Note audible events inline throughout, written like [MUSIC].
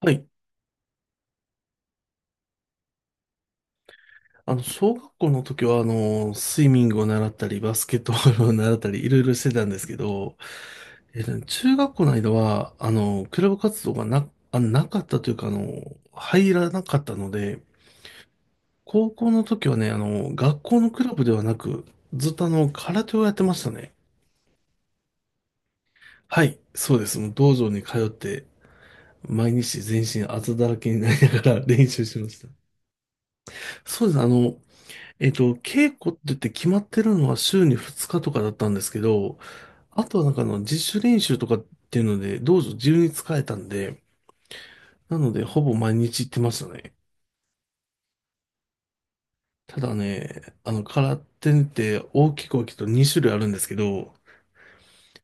はい。小学校の時は、スイミングを習ったり、バスケットボールを習ったり、いろいろしてたんですけど、中学校の間は、クラブ活動がなかったというか、入らなかったので、高校の時はね、学校のクラブではなく、ずっと空手をやってましたね。はい、そうです。もう道場に通って、毎日全身あざだらけになりながら [LAUGHS] 練習してました。そうです。稽古って言って決まってるのは週に2日とかだったんですけど、あとは自主練習とかっていうので、道場自由に使えたんで、なので、ほぼ毎日行ってましたね。ただね、空手って大きくと2種類あるんですけど、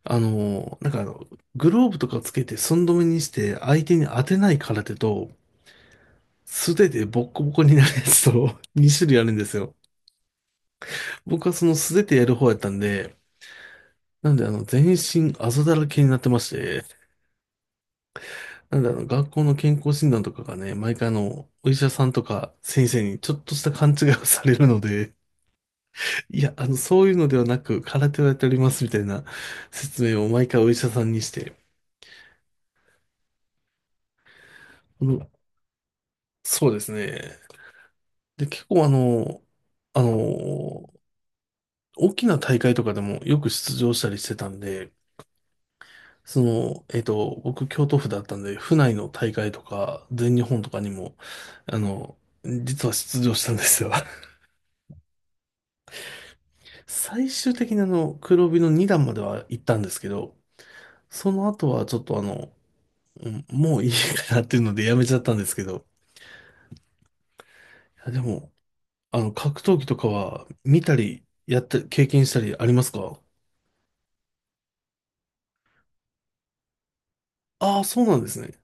あの、なんかあの、グローブとかつけて寸止めにして相手に当てない空手と、素手でボッコボコになるやつと2 [LAUGHS] 種類あるんですよ。僕はその素手でやる方やったんで、なんで全身あざだらけになってまして、なんだろう、学校の健康診断とかがね、毎回お医者さんとか先生にちょっとした勘違いをされるので、[LAUGHS] いや、そういうのではなく、空手をやっておりますみたいな説明を毎回お医者さんにして、あのそうですね。で、結構あの、あの、大きな大会とかでもよく出場したりしてたんで、その、僕、京都府だったんで、府内の大会とか、全日本とかにも、あの、実は出場したんですよ。最終的に黒帯の2段までは行ったんですけど、その後はちょっとうんもういいかなっていうのでやめちゃったんですけど、いやでも、格闘技とかは見たり、やったり、経験したりありますか？ああー、そうなんですね。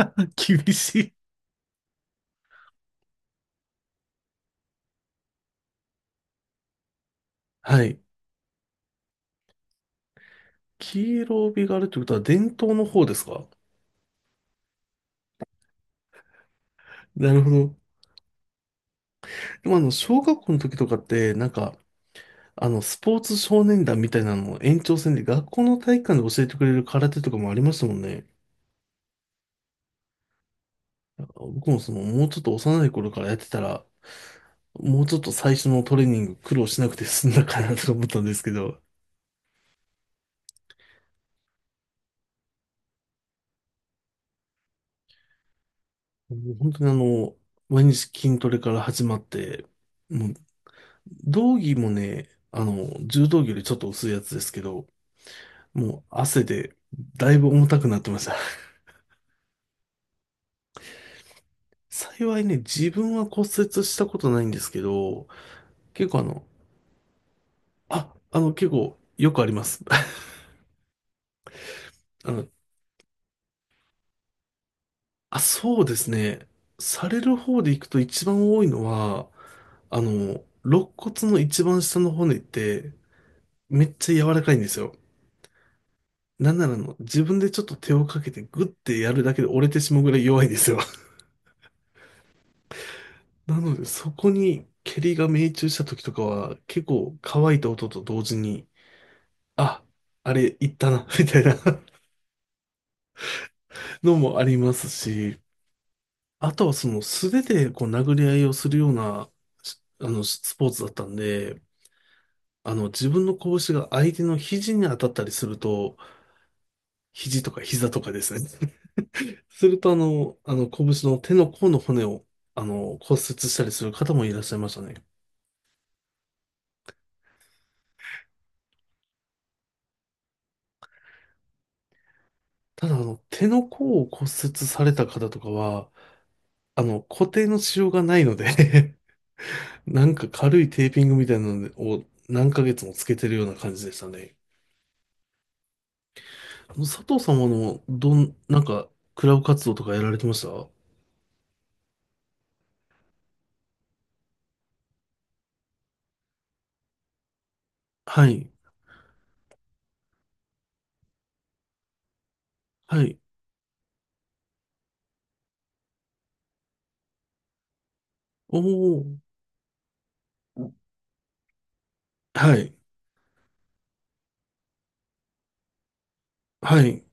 [LAUGHS] 厳しい。はい。黄色帯があるってことは伝統の方ですか？なるほど。でも小学校の時とかって、なんか、スポーツ少年団みたいなのを延長戦で学校の体育館で教えてくれる空手とかもありましたもんね。僕もその、もうちょっと幼い頃からやってたら、もうちょっと最初のトレーニング苦労しなくて済んだかなと思ったんですけど、もう本当に毎日筋トレから始まって、もう、道着もね、柔道着よりちょっと薄いやつですけど、もう汗でだいぶ重たくなってました。[LAUGHS] 幸いね、自分は骨折したことないんですけど、結構あの、あ、あの、結構よくあります。[LAUGHS] あの、あ、そうですね。される方で行くと一番多いのは、肋骨の一番下の骨ってめっちゃ柔らかいんですよ。なんなら自分でちょっと手をかけてグッてやるだけで折れてしまうぐらい弱いんですよ。[LAUGHS] なのでそこに蹴りが命中した時とかは結構乾いた音と同時に、あ、あれいったな、[LAUGHS] みたいな [LAUGHS] のもありますし、あとはその素手でこう殴り合いをするようなしあのスポーツだったんで、自分の拳が相手の肘に当たったりすると、肘とか膝とかですね。すると、拳の手の甲の骨を、骨折したりする方もいらっしゃいましたね。ただ、手の甲を骨折された方とかは、固定のしようがないので [LAUGHS] なんか軽いテーピングみたいなのを何ヶ月もつけてるような感じでしたね。佐藤さんは、あの、どん、なんか、クラブ活動とかやられてましたはい、はい、おー、はい、はい、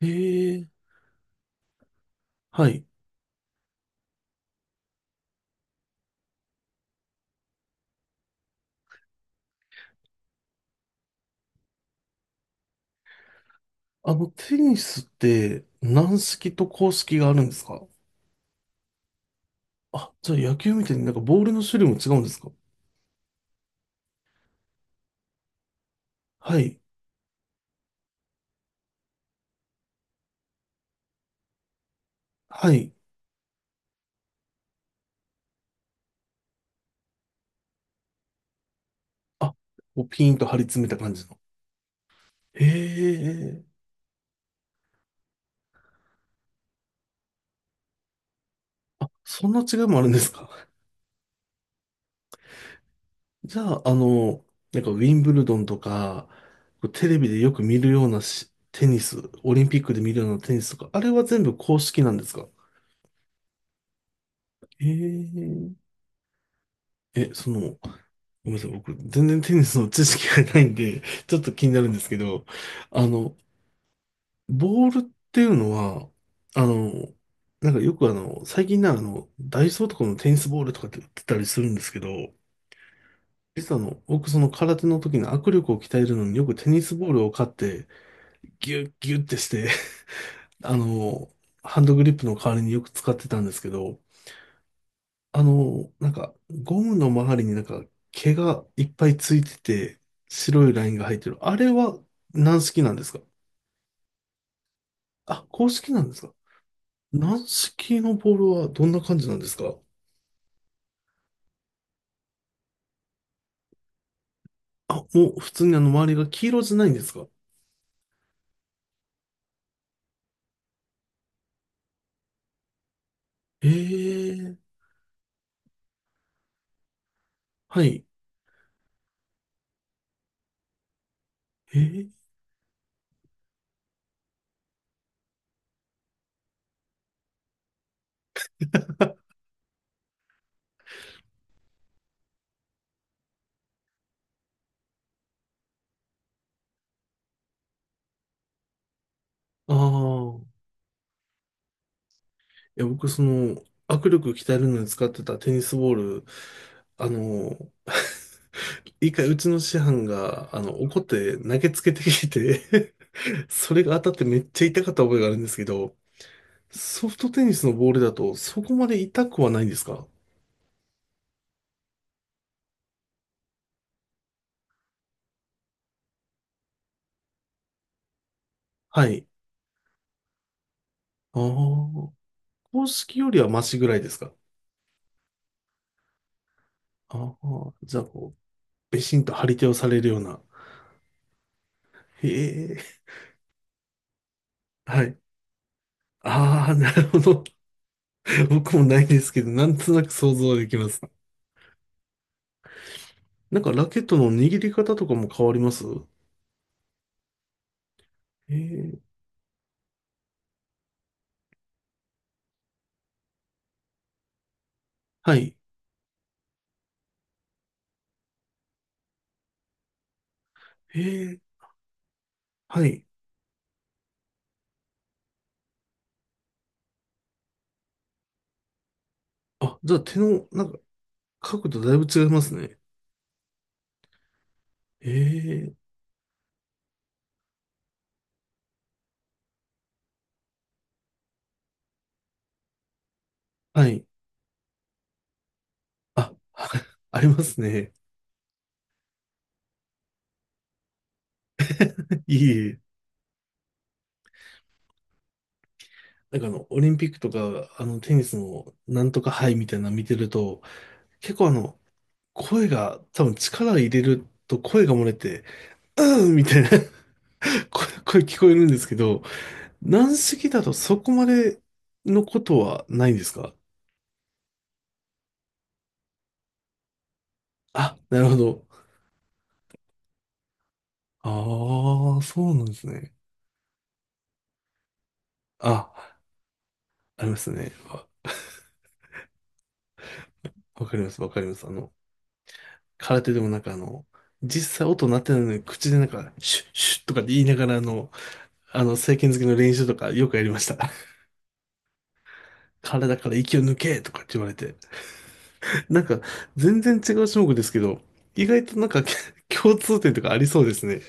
えー、はい。テニスって、軟式と硬式があるんですか？あ、じゃあ野球みたいになんかボールの種類も違うんですか？はい。はい。あ、こうピーンと張り詰めた感じの。へえ。あ、そんな違いもあるんですか？ [LAUGHS] じゃあ、なんかウィンブルドンとか、こうテレビでよく見るようなテニス、オリンピックで見るようなテニスとか、あれは全部公式なんですか？へえ。え、その、ごめんなさい、僕、全然テニスの知識がないんで、ちょっと気になるんですけど、あの、ボールっていうのは、あの、なんかよくあの、最近なあの、ダイソーとかのテニスボールとかって売ってたりするんですけど、実は僕その空手の時の握力を鍛えるのによくテニスボールを買って、ギュッギュッってして、[LAUGHS] あの、ハンドグリップの代わりによく使ってたんですけど、あの、なんか、ゴムの周りになんか毛がいっぱいついてて、白いラインが入ってる。あれは軟式なんですか？あ、公式なんですか？軟式のボールはどんな感じなんですか？あ、もう普通に周りが黄色じゃないんですか？ええ。はい。ええ。ああ。いや、僕その、握力鍛えるのに使ってたテニスボール、あの、[LAUGHS] 一回うちの師範が、怒って投げつけてきて [LAUGHS] それが当たってめっちゃ痛かった覚えがあるんですけど、ソフトテニスのボールだとそこまで痛くはないんですか？はい。ああ。公式よりはマシぐらいですか？ああ、じゃあこう、べしんと張り手をされるような。へえ、はい。ああ、なるほど。[LAUGHS] 僕もないですけど、なんとなく想像はできます。なんかラケットの握り方とかも変わりますへえ、はい。へえ、はい。あ、じゃあ手の、なんか、角度だいぶ違いますね。へえ、はい。あ、[LAUGHS] ありますね。[LAUGHS] いえいえ。なんかオリンピックとか、テニスのなんとか杯みたいなの見てると、結構あの、声が、多分力を入れると声が漏れて、うんみたいな [LAUGHS] 声聞こえるんですけど、軟式だとそこまでのことはないんですか？あ、なるほど。ああ、そうなんですね。あ、ありますね。わかります、わかります。空手でもなんか実際音鳴ってないのに口でなんか、シュッシュッとかって言いながら正拳突きの練習とかよくやりました。[LAUGHS] 体から息を抜けとかって言われて。なんか、全然違う種目ですけど、意外となんか [LAUGHS] 共通点とかありそうですね。